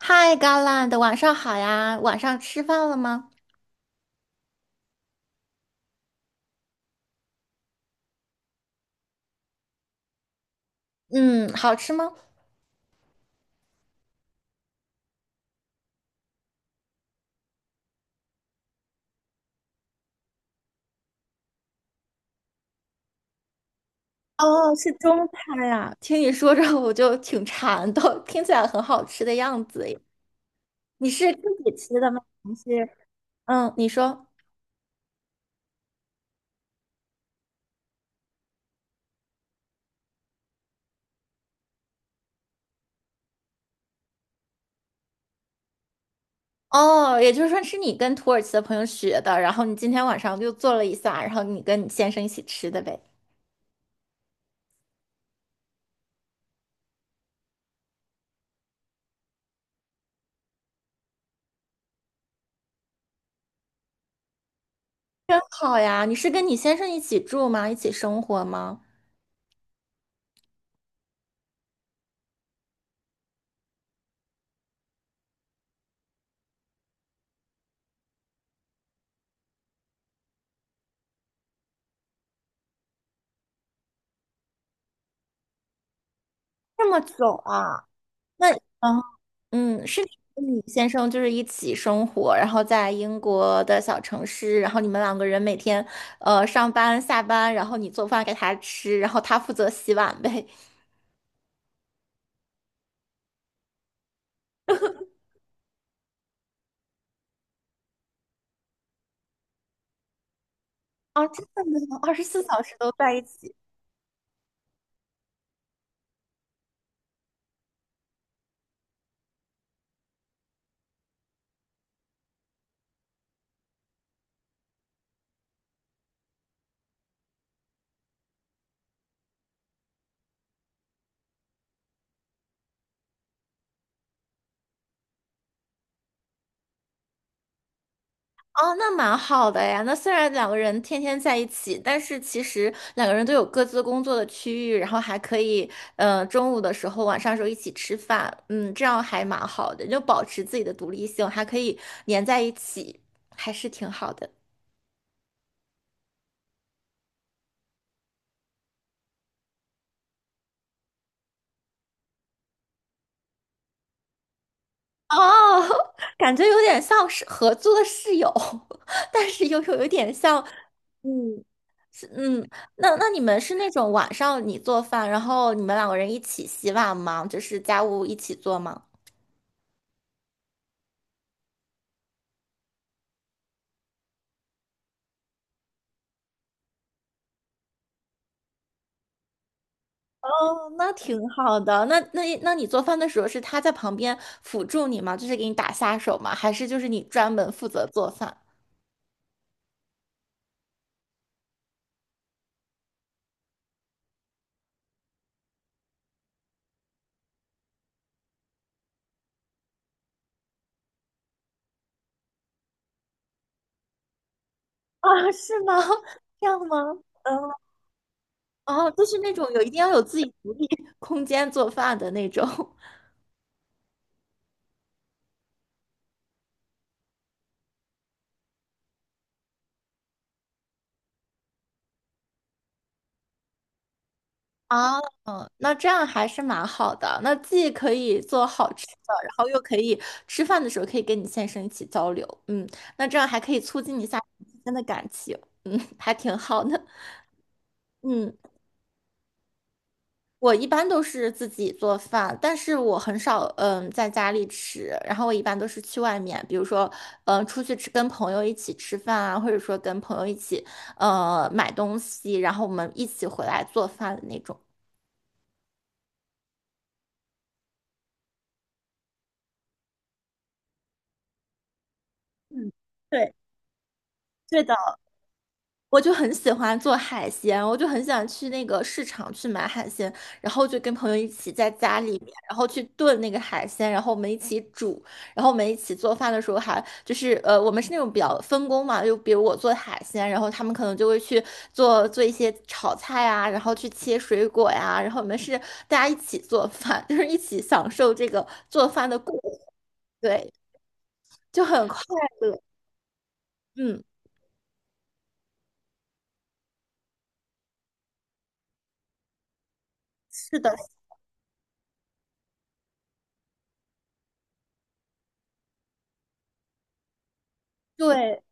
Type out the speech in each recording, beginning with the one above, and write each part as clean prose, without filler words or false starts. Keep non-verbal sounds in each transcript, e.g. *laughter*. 嗨 g a r l a d 晚上好呀！晚上吃饭了吗？嗯，好吃吗？哦，是中餐呀。听你说着我就挺馋的，听起来很好吃的样子耶。你是自己吃的吗？还是你说。哦，也就是说是你跟土耳其的朋友学的，然后你今天晚上就做了一下，然后你跟你先生一起吃的呗。好呀，你是跟你先生一起住吗？一起生活吗？这么久啊？那。嗯。嗯，是你跟你先生就是一起生活，然后在英国的小城市，然后你们两个人每天上班下班，然后你做饭给他吃，然后他负责洗碗呗。*laughs* 哦，真的吗？二十四小时都在一起？哦，那蛮好的呀。那虽然两个人天天在一起，但是其实两个人都有各自工作的区域，然后还可以中午的时候、晚上的时候一起吃饭，嗯，这样还蛮好的，就保持自己的独立性，还可以粘在一起，还是挺好的。哦，*laughs* 感觉有点像是合租的室友，*laughs* 但是又有点像。嗯，是。嗯，那你们是那种晚上你做饭，然后你们两个人一起洗碗吗？就是家务一起做吗？哦，那挺好的。那你做饭的时候是他在旁边辅助你吗？就是给你打下手吗？还是就是你专门负责做饭？*laughs* 啊，是吗？*laughs* 这样吗？嗯。哦，就是那种有一定要有自己独立 *laughs* 空间做饭的那种。啊，嗯，那这样还是蛮好的。那既可以做好吃的，然后又可以吃饭的时候可以跟你先生一起交流。嗯，那这样还可以促进一下你们之间的感情。嗯，还挺好的。嗯，我一般都是自己做饭，但是我很少在家里吃，然后我一般都是去外面，比如说出去吃，跟朋友一起吃饭啊，或者说跟朋友一起买东西，然后我们一起回来做饭的那种。嗯，对。对的。我就很喜欢做海鲜，我就很想去那个市场去买海鲜，然后就跟朋友一起在家里面，然后去炖那个海鲜，然后我们一起煮，然后我们一起做饭的时候还就是我们是那种比较分工嘛，就比如我做海鲜，然后他们可能就会去做一些炒菜啊，然后去切水果呀，然后我们是大家一起做饭，*laughs* 就是一起享受这个做饭的过程，对，就很快乐。嗯，是的，对。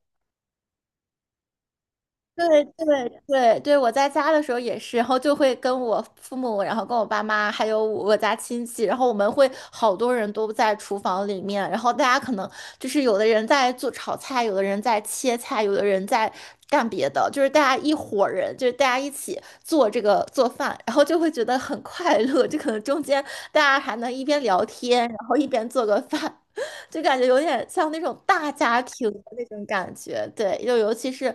对对对对，我在家的时候也是，然后就会跟我父母，然后跟我爸妈，还有我家亲戚，然后我们会好多人都在厨房里面，然后大家可能就是有的人在做炒菜，有的人在切菜，有的人在干别的，就是大家一伙儿人，就是大家一起做这个做饭，然后就会觉得很快乐，就可能中间大家还能一边聊天，然后一边做个饭。*laughs* 就感觉有点像那种大家庭的那种感觉，对，就尤其是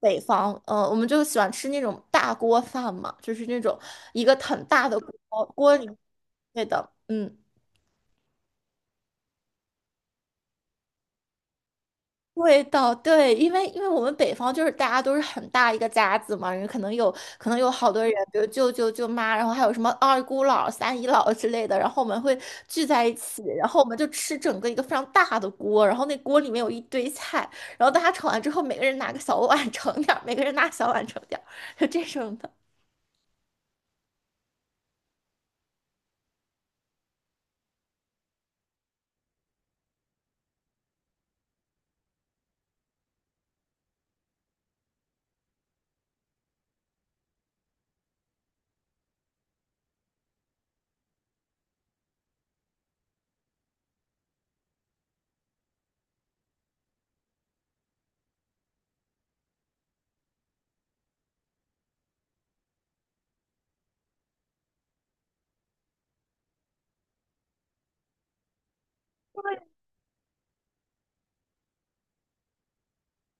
北方，我们就喜欢吃那种大锅饭嘛，就是那种一个很大的锅里。对的，嗯，味道对，因为我们北方就是大家都是很大一个家子嘛，人可能有好多人，比如舅舅舅妈，然后还有什么二姑姥、三姨姥之类的，然后我们会聚在一起，然后我们就吃整个一个非常大的锅，然后那锅里面有一堆菜，然后大家盛完之后，每个人拿个小碗 *laughs* 盛点儿，每个人拿小碗盛点儿，就这种的。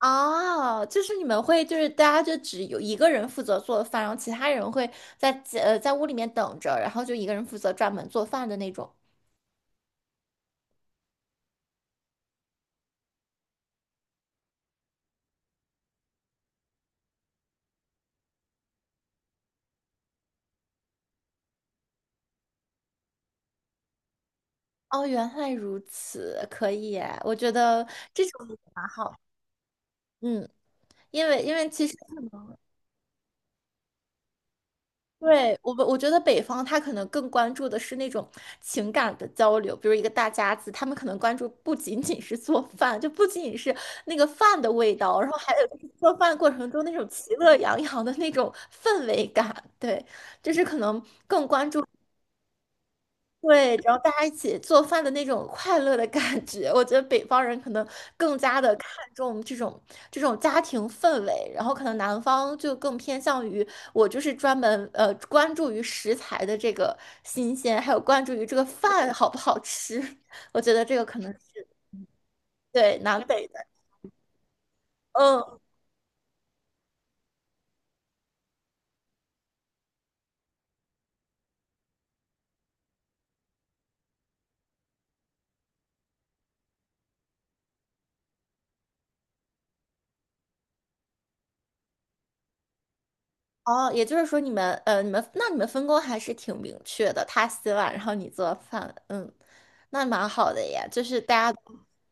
哦，就是你们会，就是大家就只有一个人负责做饭，然后其他人会在在屋里面等着，然后就一个人负责专门做饭的那种。哦，原来如此，可以耶我觉得这种也蛮好。嗯，因为其实对，我觉得北方他可能更关注的是那种情感的交流，比如一个大家子，他们可能关注不仅仅是做饭，就不仅仅是那个饭的味道，然后还有就是做饭过程中那种其乐洋洋的那种氛围感，对，就是可能更关注。对，然后大家一起做饭的那种快乐的感觉，我觉得北方人可能更加的看重这种家庭氛围，然后可能南方就更偏向于我就是专门关注于食材的这个新鲜，还有关注于这个饭好不好吃，*laughs* 我觉得这个可能是对南北的，嗯。哦，也就是说你们你们那你们分工还是挺明确的，他洗碗，然后你做饭，嗯，那蛮好的呀。就是大家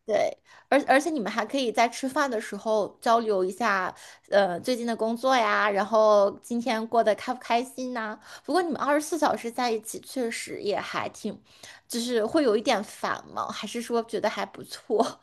对，而且你们还可以在吃饭的时候交流一下，最近的工作呀，然后今天过得开不开心呐、不过你们二十四小时在一起，确实也还挺，就是会有一点烦吗？还是说觉得还不错？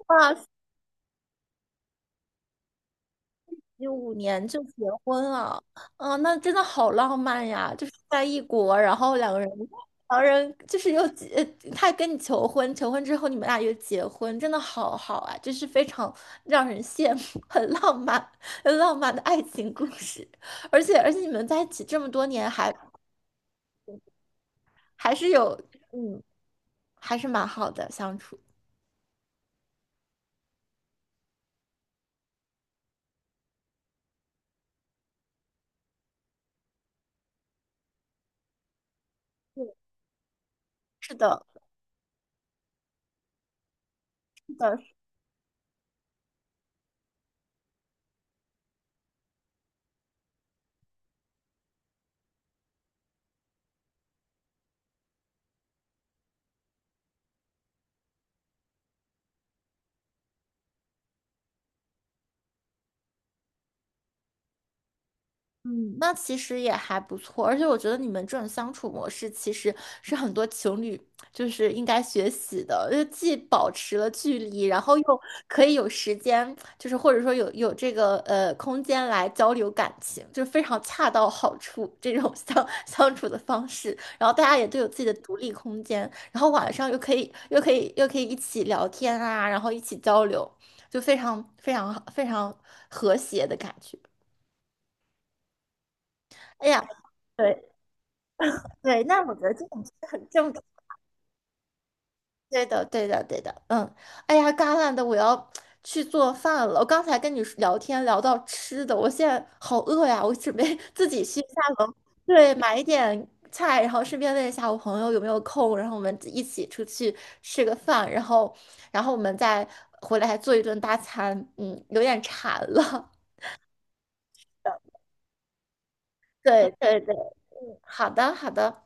*laughs* 哇，2015年就结婚了，啊，那真的好浪漫呀！就是在异国，然后两个人就是又结，他跟你求婚，求婚之后你们俩又结婚，真的好好啊！就是非常让人羡慕，很浪漫，很浪漫的爱情故事。而且你们在一起这么多年还，还是有，嗯，还是蛮好的相处。是的，是的，嗯，那其实也还不错，而且我觉得你们这种相处模式其实是很多情侣就是应该学习的，就既保持了距离，然后又可以有时间，就是或者说有这个空间来交流感情，就非常恰到好处这种相 *laughs* 相处的方式。然后大家也都有自己的独立空间，然后晚上又可以一起聊天啊，然后一起交流，就非常非常非常和谐的感觉。哎呀。对。对，那我觉得这种是很正常。对的，对的，对的，嗯，哎呀，嘎烂的，我要去做饭了。我刚才跟你说聊天聊到吃的，我现在好饿呀，我准备 *laughs* 自己去下楼，对，买一点菜，然后顺便问一下我朋友有没有空，然后我们一起出去吃个饭，然后我们再回来做一顿大餐。嗯，有点馋了。*laughs* 对对对，嗯，好的好的。